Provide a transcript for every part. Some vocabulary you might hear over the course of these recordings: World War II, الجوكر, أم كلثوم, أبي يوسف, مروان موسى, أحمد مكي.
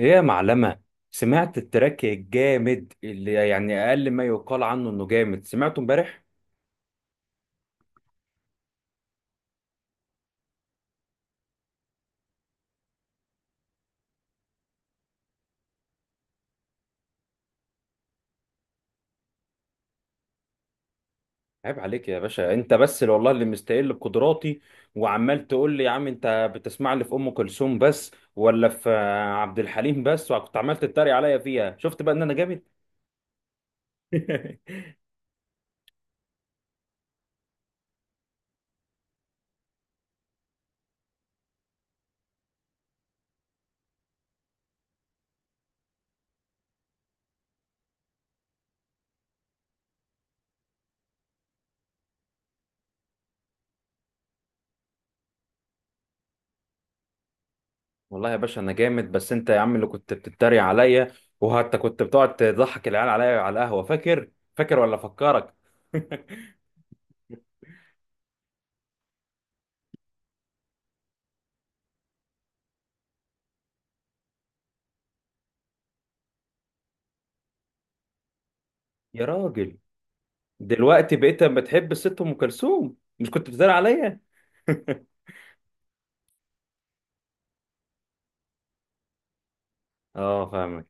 ايه يا معلمة؟ سمعت التراك الجامد اللي يعني اقل ما يقال عنه انه جامد، سمعته امبارح. عيب عليك يا باشا، انت بس اللي والله اللي مستقل بقدراتي، وعمال تقول لي يا عم انت بتسمع لي في ام كلثوم بس ولا في عبد الحليم بس، وكنت عمال تتريق عليا فيها. شفت بقى ان انا جامد. والله يا باشا انا جامد، بس انت يا عم اللي كنت بتتريق عليا، وحتى كنت بتقعد تضحك العيال عليا على القهوة. فاكر فاكر ولا فكرك؟ يا راجل، دلوقتي بقيت بتحب الست ام كلثوم؟ مش كنت بتدار عليا؟ اه فاهمك.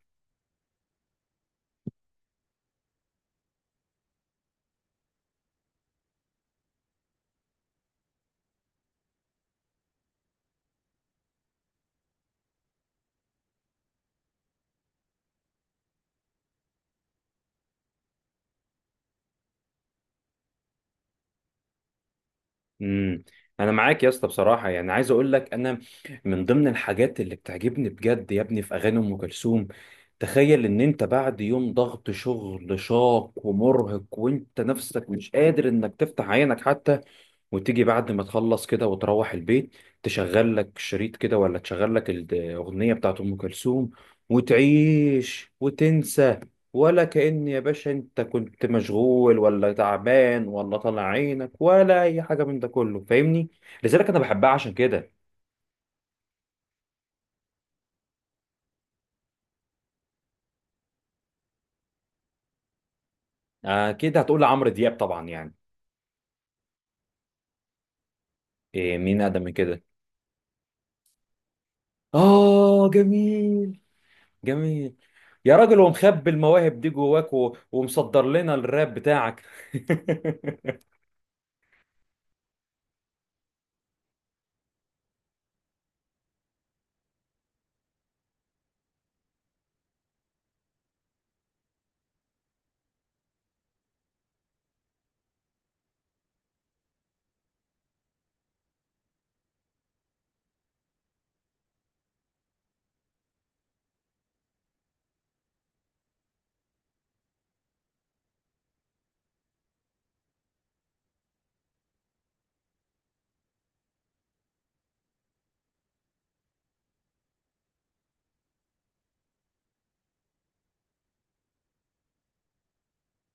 امم انا معاك يا اسطى بصراحه، يعني عايز اقول لك انا من ضمن الحاجات اللي بتعجبني بجد يا ابني في اغاني ام كلثوم، تخيل ان انت بعد يوم ضغط شغل شاق ومرهق وانت نفسك مش قادر انك تفتح عينك حتى، وتيجي بعد ما تخلص كده وتروح البيت تشغل لك شريط كده ولا تشغل لك الأغنية بتاعت أم كلثوم، وتعيش وتنسى، ولا كأن يا باشا أنت كنت مشغول ولا تعبان ولا طالع عينك ولا أي حاجة من ده كله. فاهمني؟ لذلك أنا بحبها عشان كده. أكيد هتقول لعمرو دياب طبعا، يعني. إيه، مين أقدم من كده؟ آه جميل، جميل. يا راجل، ومخبي المواهب دي جواك ومصدر لنا الراب بتاعك؟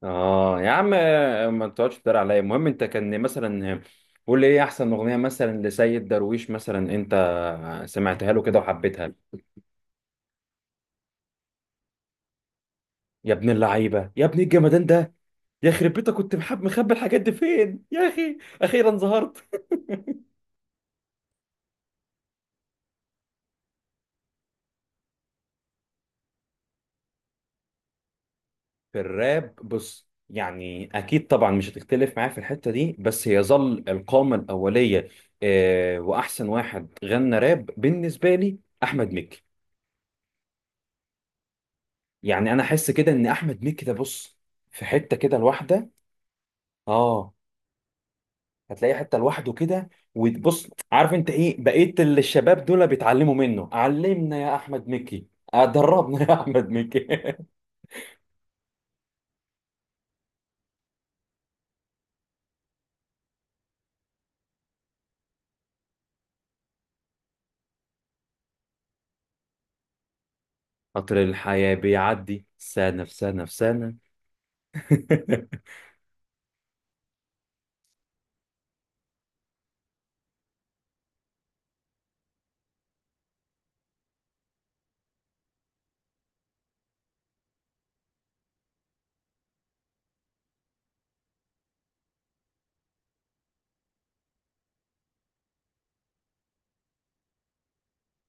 اه يا عم، ما تقعدش تدار عليا. المهم، انت كان مثلا قول لي ايه احسن اغنيه مثلا لسيد درويش مثلا انت سمعتها له كده وحبيتها. يا ابن اللعيبه، يا ابن الجمدان ده. يا خرب بيتك، كنت محب مخبي الحاجات دي فين يا اخي؟ اخيرا ظهرت. في الراب، بص، يعني اكيد طبعا مش هتختلف معايا في الحته دي، بس يظل القامه الاوليه، آه، واحسن واحد غنى راب بالنسبه لي احمد مكي. يعني انا احس كده ان احمد مكي ده، بص، في حته كده لوحده. اه، هتلاقيه حته لوحده كده، وتبص عارف انت ايه بقيت اللي الشباب دول بيتعلموا منه. علمنا يا احمد مكي، دربنا يا احمد مكي. قطر الحياه بيعدي سنه في سنه في سنه.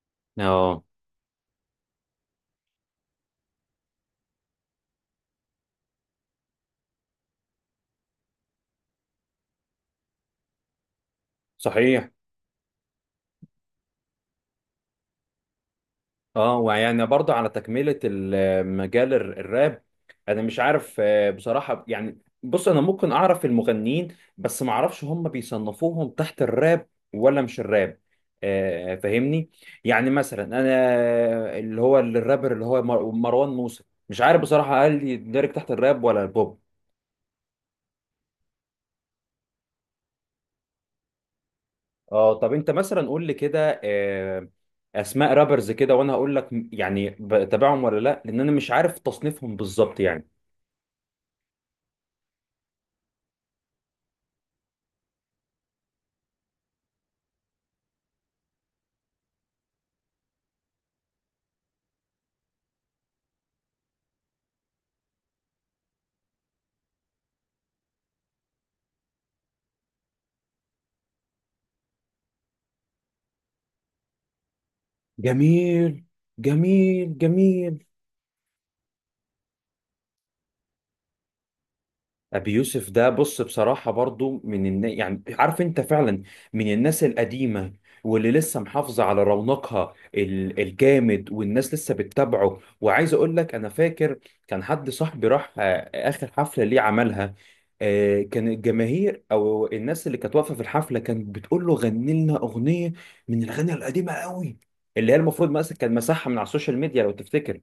اه صحيح. اه، ويعني برضه على تكملة المجال الراب، انا مش عارف بصراحة، يعني بص، انا ممكن اعرف المغنيين، بس ما اعرفش هم بيصنفوهم تحت الراب ولا مش الراب، فاهمني؟ يعني مثلا انا اللي هو الرابر اللي هو مروان موسى، مش عارف بصراحة هل يندرج تحت الراب ولا البوب. اه، طب انت مثلا قول لي كده اسماء رابرز كده، وانا هقول لك يعني بتابعهم ولا لا، لان انا مش عارف تصنيفهم بالظبط يعني. جميل، جميل جميل. ابي يوسف ده، بص، بصراحه برضو يعني عارف انت فعلا من الناس القديمه، واللي لسه محافظه على رونقها الجامد، والناس لسه بتتابعه. وعايز اقول لك انا فاكر كان حد صاحبي راح اخر حفله ليه عملها. كان الجماهير او الناس اللي كانت واقفه في الحفله كانت بتقول له غني لنا اغنيه من الاغاني القديمه قوي، اللي هي المفروض مثلا كان مسحها من على السوشيال ميديا لو تفتكر.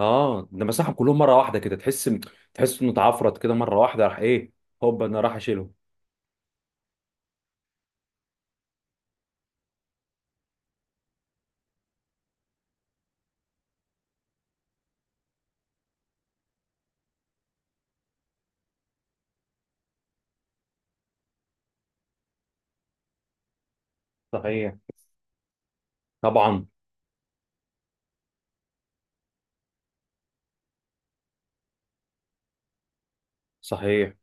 اه، ده مسحهم كلهم مره واحده كده. تحس انه اتعفرت كده مره واحده. راح ايه، هوب، انا راح اشيله. صحيح. طبعا. صحيح.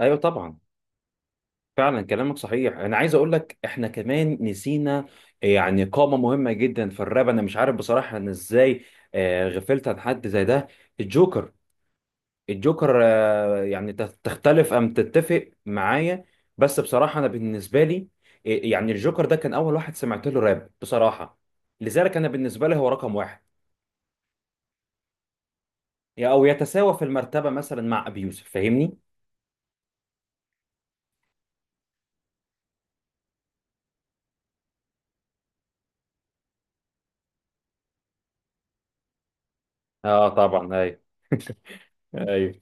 ايوه طبعا. فعلا كلامك صحيح. انا عايز اقول لك احنا كمان نسينا يعني قامه مهمه جدا في الراب، انا مش عارف بصراحه انا ازاي غفلت عن حد زي ده. الجوكر، الجوكر، يعني تختلف أم تتفق معايا؟ بس بصراحة، أنا بالنسبة لي، يعني الجوكر ده كان أول واحد سمعت له راب، بصراحة، لذلك أنا بالنسبة لي هو رقم واحد، أو يتساوى في المرتبة مثلا مع أبي يوسف. فاهمني؟ آه طبعا، أيوه. أيوه.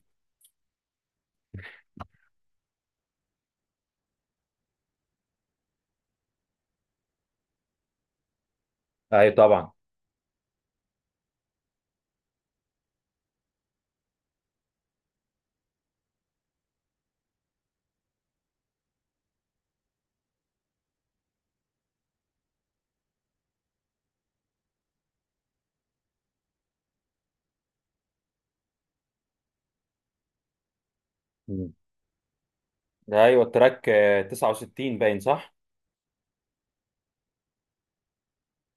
أيوه طبعا. مم. ده أيوه التراك 69 باين، صح؟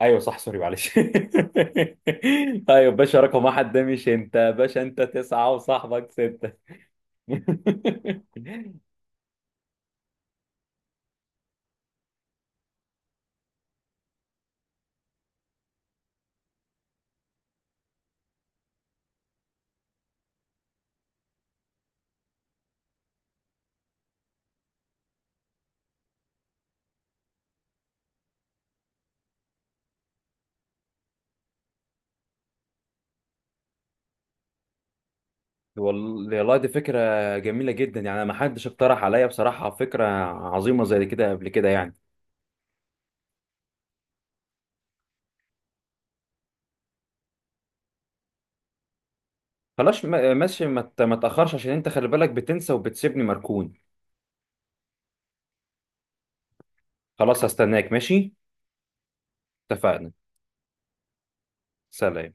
أيوه صح، سوري معلش. أيوه باشا، رقم واحد ده مش أنت باشا، أنت تسعة وصاحبك ستة. والله دي فكرة جميلة جدا، يعني ما حدش اقترح عليا بصراحة فكرة عظيمة زي كده قبل كده، يعني. خلاص ماشي، ما تأخرش عشان انت خلي بالك بتنسى وبتسيبني مركون. خلاص هستناك. ماشي، اتفقنا. سلام.